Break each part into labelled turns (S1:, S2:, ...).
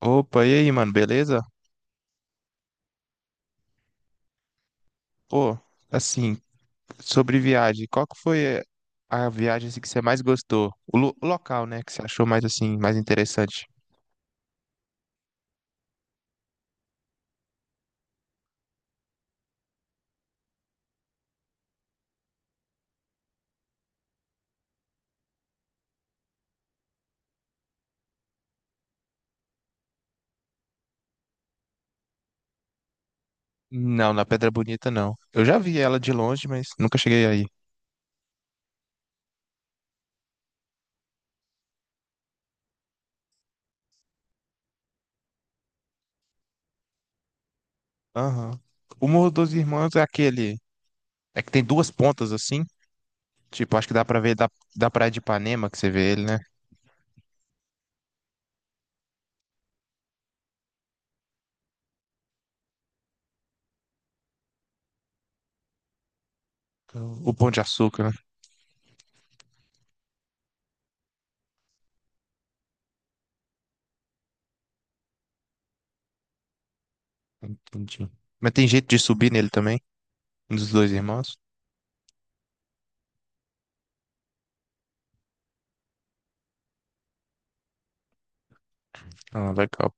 S1: Opa, e aí, mano, beleza? Pô, assim, sobre viagem, qual que foi a viagem assim, que você mais gostou? O, o local, né, que você achou mais assim, mais interessante? Não, na Pedra Bonita não. Eu já vi ela de longe, mas nunca cheguei aí. Aham. O Morro dos Irmãos é aquele, é que tem duas pontas assim. Tipo, acho que dá pra ver da, Praia de Ipanema que você vê ele, né? O Pão de Açúcar, né? Entendi. Mas tem jeito de subir nele também? Um dos dois irmãos? Ah, legal.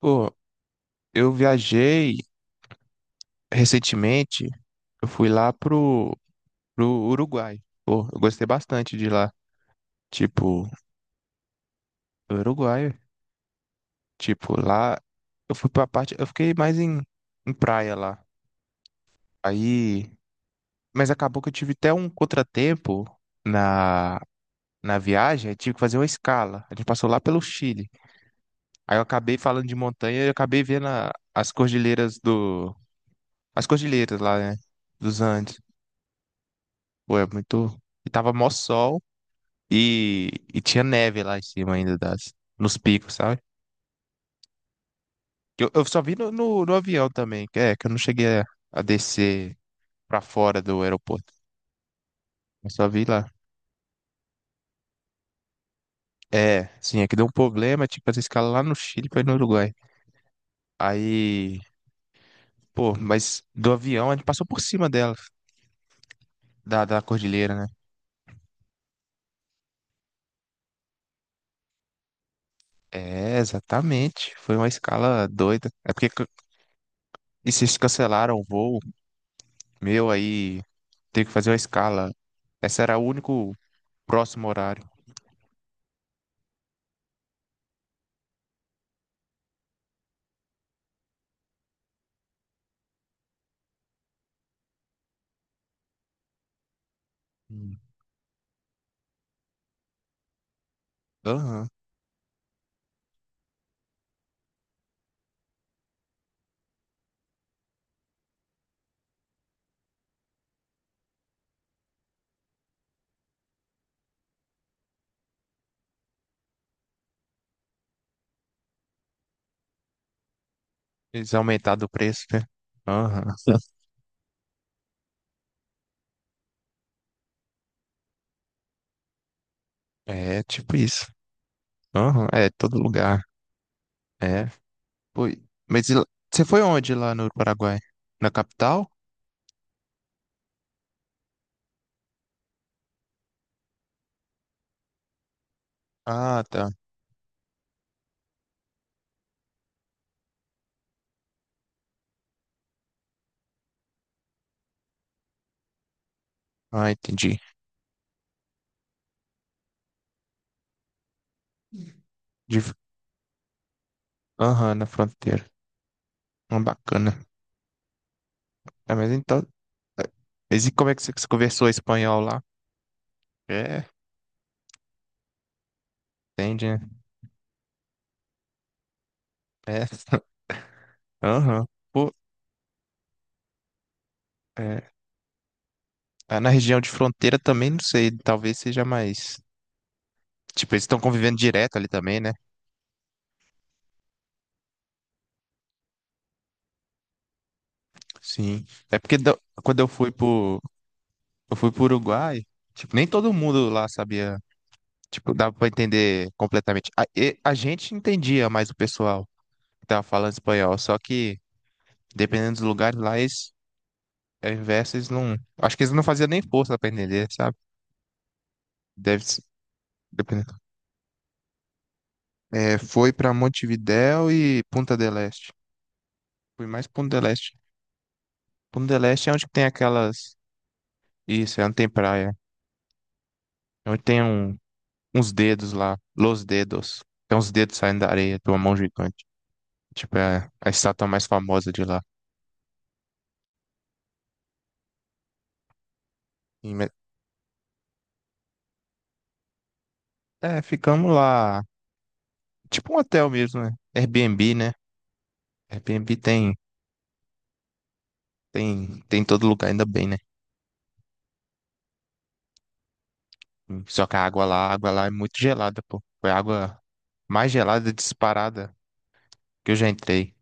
S1: Pô, eu viajei recentemente, eu fui lá pro, Uruguai. Pô, eu gostei bastante de lá. Tipo, Uruguai. Tipo, lá eu fui pra parte. Eu fiquei mais em, praia lá. Aí. Mas acabou que eu tive até um contratempo na, na viagem. Aí tive que fazer uma escala. A gente passou lá pelo Chile. Aí eu acabei falando de montanha e eu acabei vendo as cordilheiras do. As cordilheiras lá, né? Dos Andes. Pô, é muito. E tava mó sol e tinha neve lá em cima ainda nos picos, sabe? Eu só vi no avião também, que é que eu não cheguei a descer pra fora do aeroporto. Eu só vi lá. É, sim, é que deu um problema, tipo, essa escala lá no Chile pra ir no Uruguai. Aí, pô, mas do avião a gente passou por cima dela, da cordilheira, né? É, exatamente. Foi uma escala doida. É porque e vocês cancelaram o voo meu aí, teve que fazer uma escala. Essa era o único próximo horário. Hum. Aham. Eles aumentaram o preço, né? Aham. É tipo isso. Aham, é todo lugar. É. Foi. Mas e você foi onde lá no Paraguai? Na capital? Ah, tá. Ah, entendi. De... Aham, na fronteira. Ah, bacana. Ah, mas então. É, mas e como é que você conversou espanhol lá? É, entende, né? É. Aham. Pô, é. Ah, na região de fronteira também, não sei. Talvez seja mais. Tipo, eles estão convivendo direto ali também, né? Sim. É porque quando eu fui pro. Eu fui pro Uruguai, tipo, nem todo mundo lá sabia. Tipo, dava pra entender completamente. A a gente entendia mais o pessoal que tava falando espanhol, só que dependendo dos lugares lá, eles, ao invés, eles não. Acho que eles não faziam nem força pra entender, sabe? Deve ser. Dependendo. É, foi pra Montevidéu e Punta del Este. Fui mais Punta del Este. Punta del Este é onde tem aquelas. Isso, é onde tem praia. É onde tem uns dedos lá. Los dedos. Tem uns dedos saindo da areia, de uma mão gigante. Tipo, é a estátua mais famosa de lá. E me- É, ficamos lá. Tipo um hotel mesmo, né? Airbnb, né? Airbnb tem em todo lugar, ainda bem, né? Só que a água lá é muito gelada, pô. Foi a água mais gelada disparada que eu já entrei.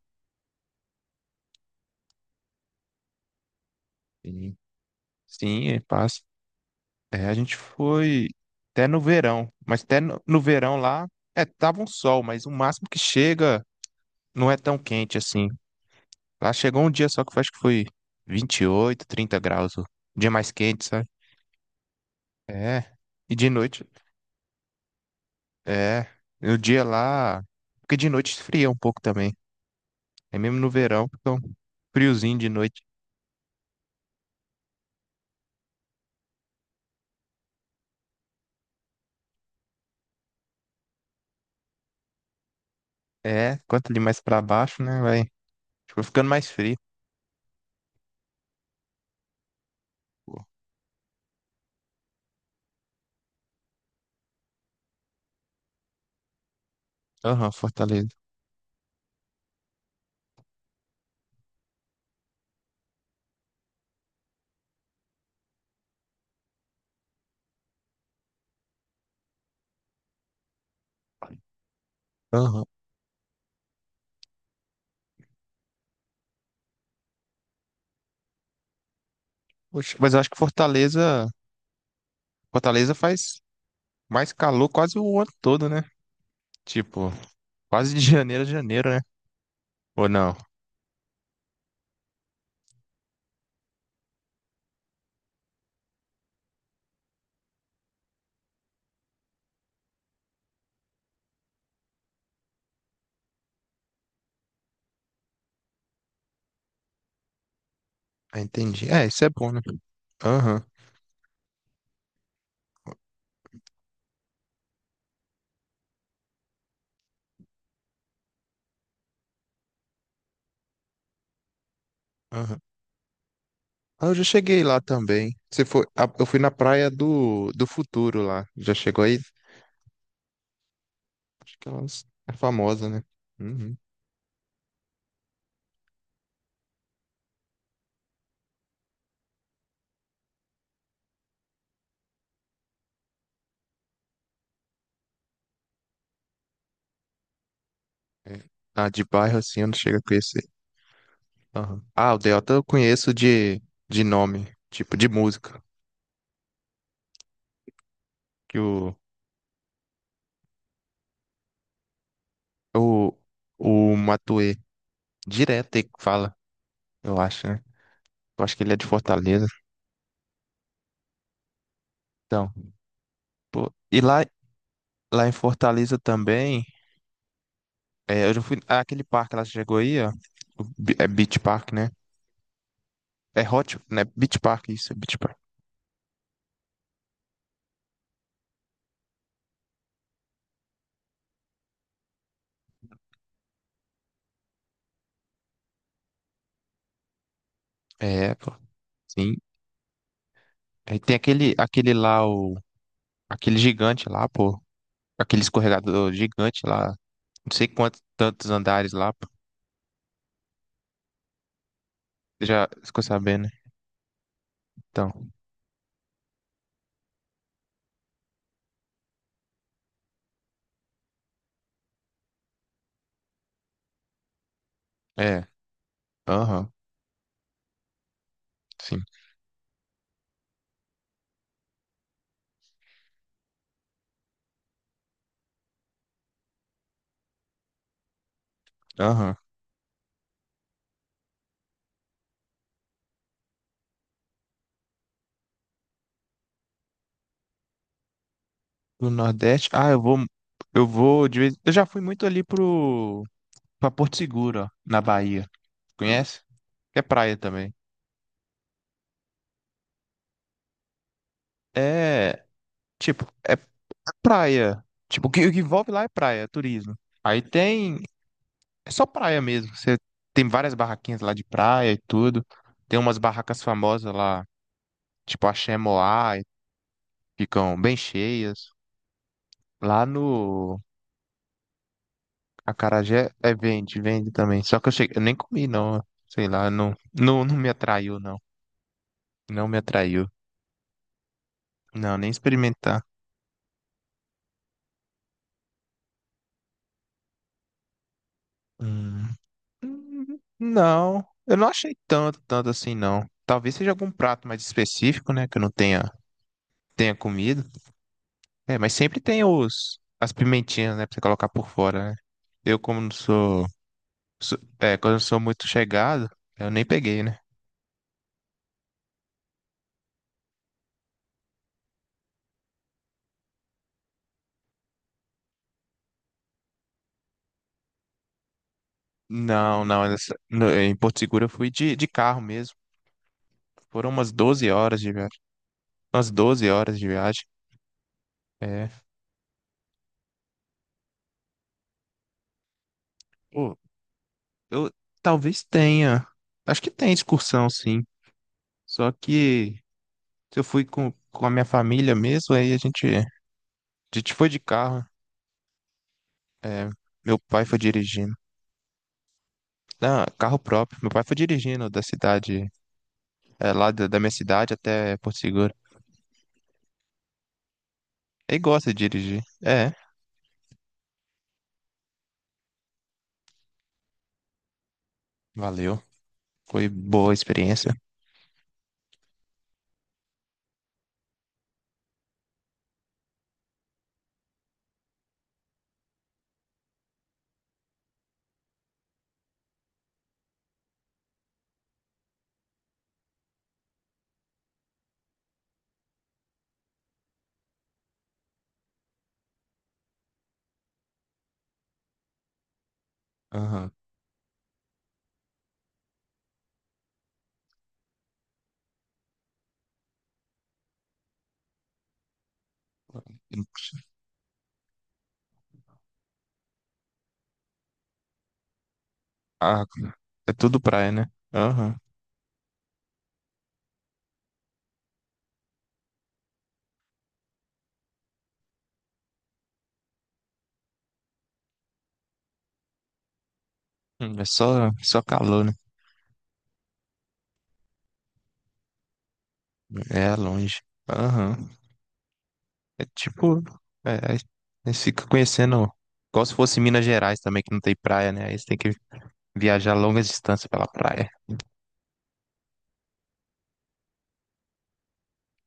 S1: Sim, sim, é passa. É, a gente foi até no verão, mas até no, no, verão lá, é, tava um sol, mas o máximo que chega não é tão quente assim. Lá chegou um dia só que eu acho que foi 28, 30 graus, o dia mais quente, sabe? É, e de noite. É, o dia lá, porque de noite esfria um pouco também. É mesmo no verão, fica um friozinho de noite. É, quanto ali mais pra baixo, né, vai, tipo, ficando mais frio. Pô. Aham, Fortaleza. Aham. Poxa, mas eu acho que Fortaleza faz mais calor quase o ano todo, né? Tipo, quase de janeiro a janeiro, né? Ou não? Ah, entendi. É, isso é bom, né? Aham, aham. Ah, eu já cheguei lá também. Você foi, ah, eu fui na Praia do, Futuro lá. Já chegou aí? Acho que ela é famosa, né? Uhum. É. Ah, de bairro assim eu não chego a conhecer. Aham. Ah, o Delta eu conheço de nome, tipo de música. Que o, o Matuê direto ele fala, eu acho, né? Eu acho que ele é de Fortaleza. Então, pô, e lá em Fortaleza também, é, eu já fui. Ah, aquele parque lá, você chegou aí, ó. É Beach Park, né? É Hot, né? Beach Park, isso, é Beach Park. É, pô. Sim. Aí tem aquele lá, aquele gigante lá, pô. Aquele escorregador gigante lá. Não sei quantos tantos andares lá, pô. Você já ficou sabendo, né? Então, é. Aham, sim. Aham. Do Nordeste. Ah, eu vou. Eu vou de vez. Eu já fui muito ali pro. Pra Porto Seguro, ó, na Bahia. Conhece? É praia também. É. Tipo, é praia. Tipo, o que envolve lá é praia, é turismo. Aí tem É só praia mesmo. Você tem várias barraquinhas lá de praia e tudo. Tem umas barracas famosas lá, tipo a Moá, e ficam bem cheias. Lá no Acarajé é vende também. Só que eu cheguei, eu nem comi não, sei lá, não, não, não me atraiu não. Não me atraiu. Não, nem experimentar. Hum. Não, eu não achei tanto, tanto assim não. Talvez seja algum prato mais específico, né, que eu não tenha comido. É, mas sempre tem as pimentinhas, né, pra você colocar por fora, né? Eu, como não sou é, quando eu não sou muito chegado, eu nem peguei, né? Não, não, em Porto Seguro eu fui de, carro mesmo. Foram umas 12 horas de viagem. Umas doze horas de viagem. É. Pô, eu talvez tenha. Acho que tem excursão, sim. Só que se eu fui com a minha família mesmo, aí a gente foi de carro. É, meu pai foi dirigindo. Não, carro próprio. Meu pai foi dirigindo da cidade lá da, minha cidade até Porto Seguro. Ele gosta de dirigir. É, valeu. Foi boa a experiência. Aham. Ah, é tudo praia, né? Aham. É só calor, né? É longe. Aham. É tipo. É, aí eles ficam conhecendo. Igual se fosse Minas Gerais também, que não tem praia, né? Aí você tem que viajar longas distâncias pela praia.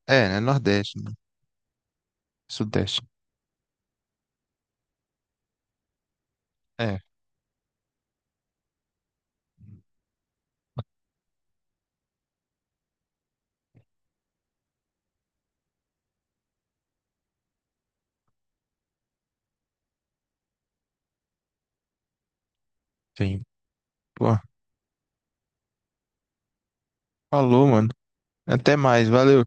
S1: É, né? Nordeste, né? Sudeste. É, sim. Pô, falou, mano. Até mais, valeu.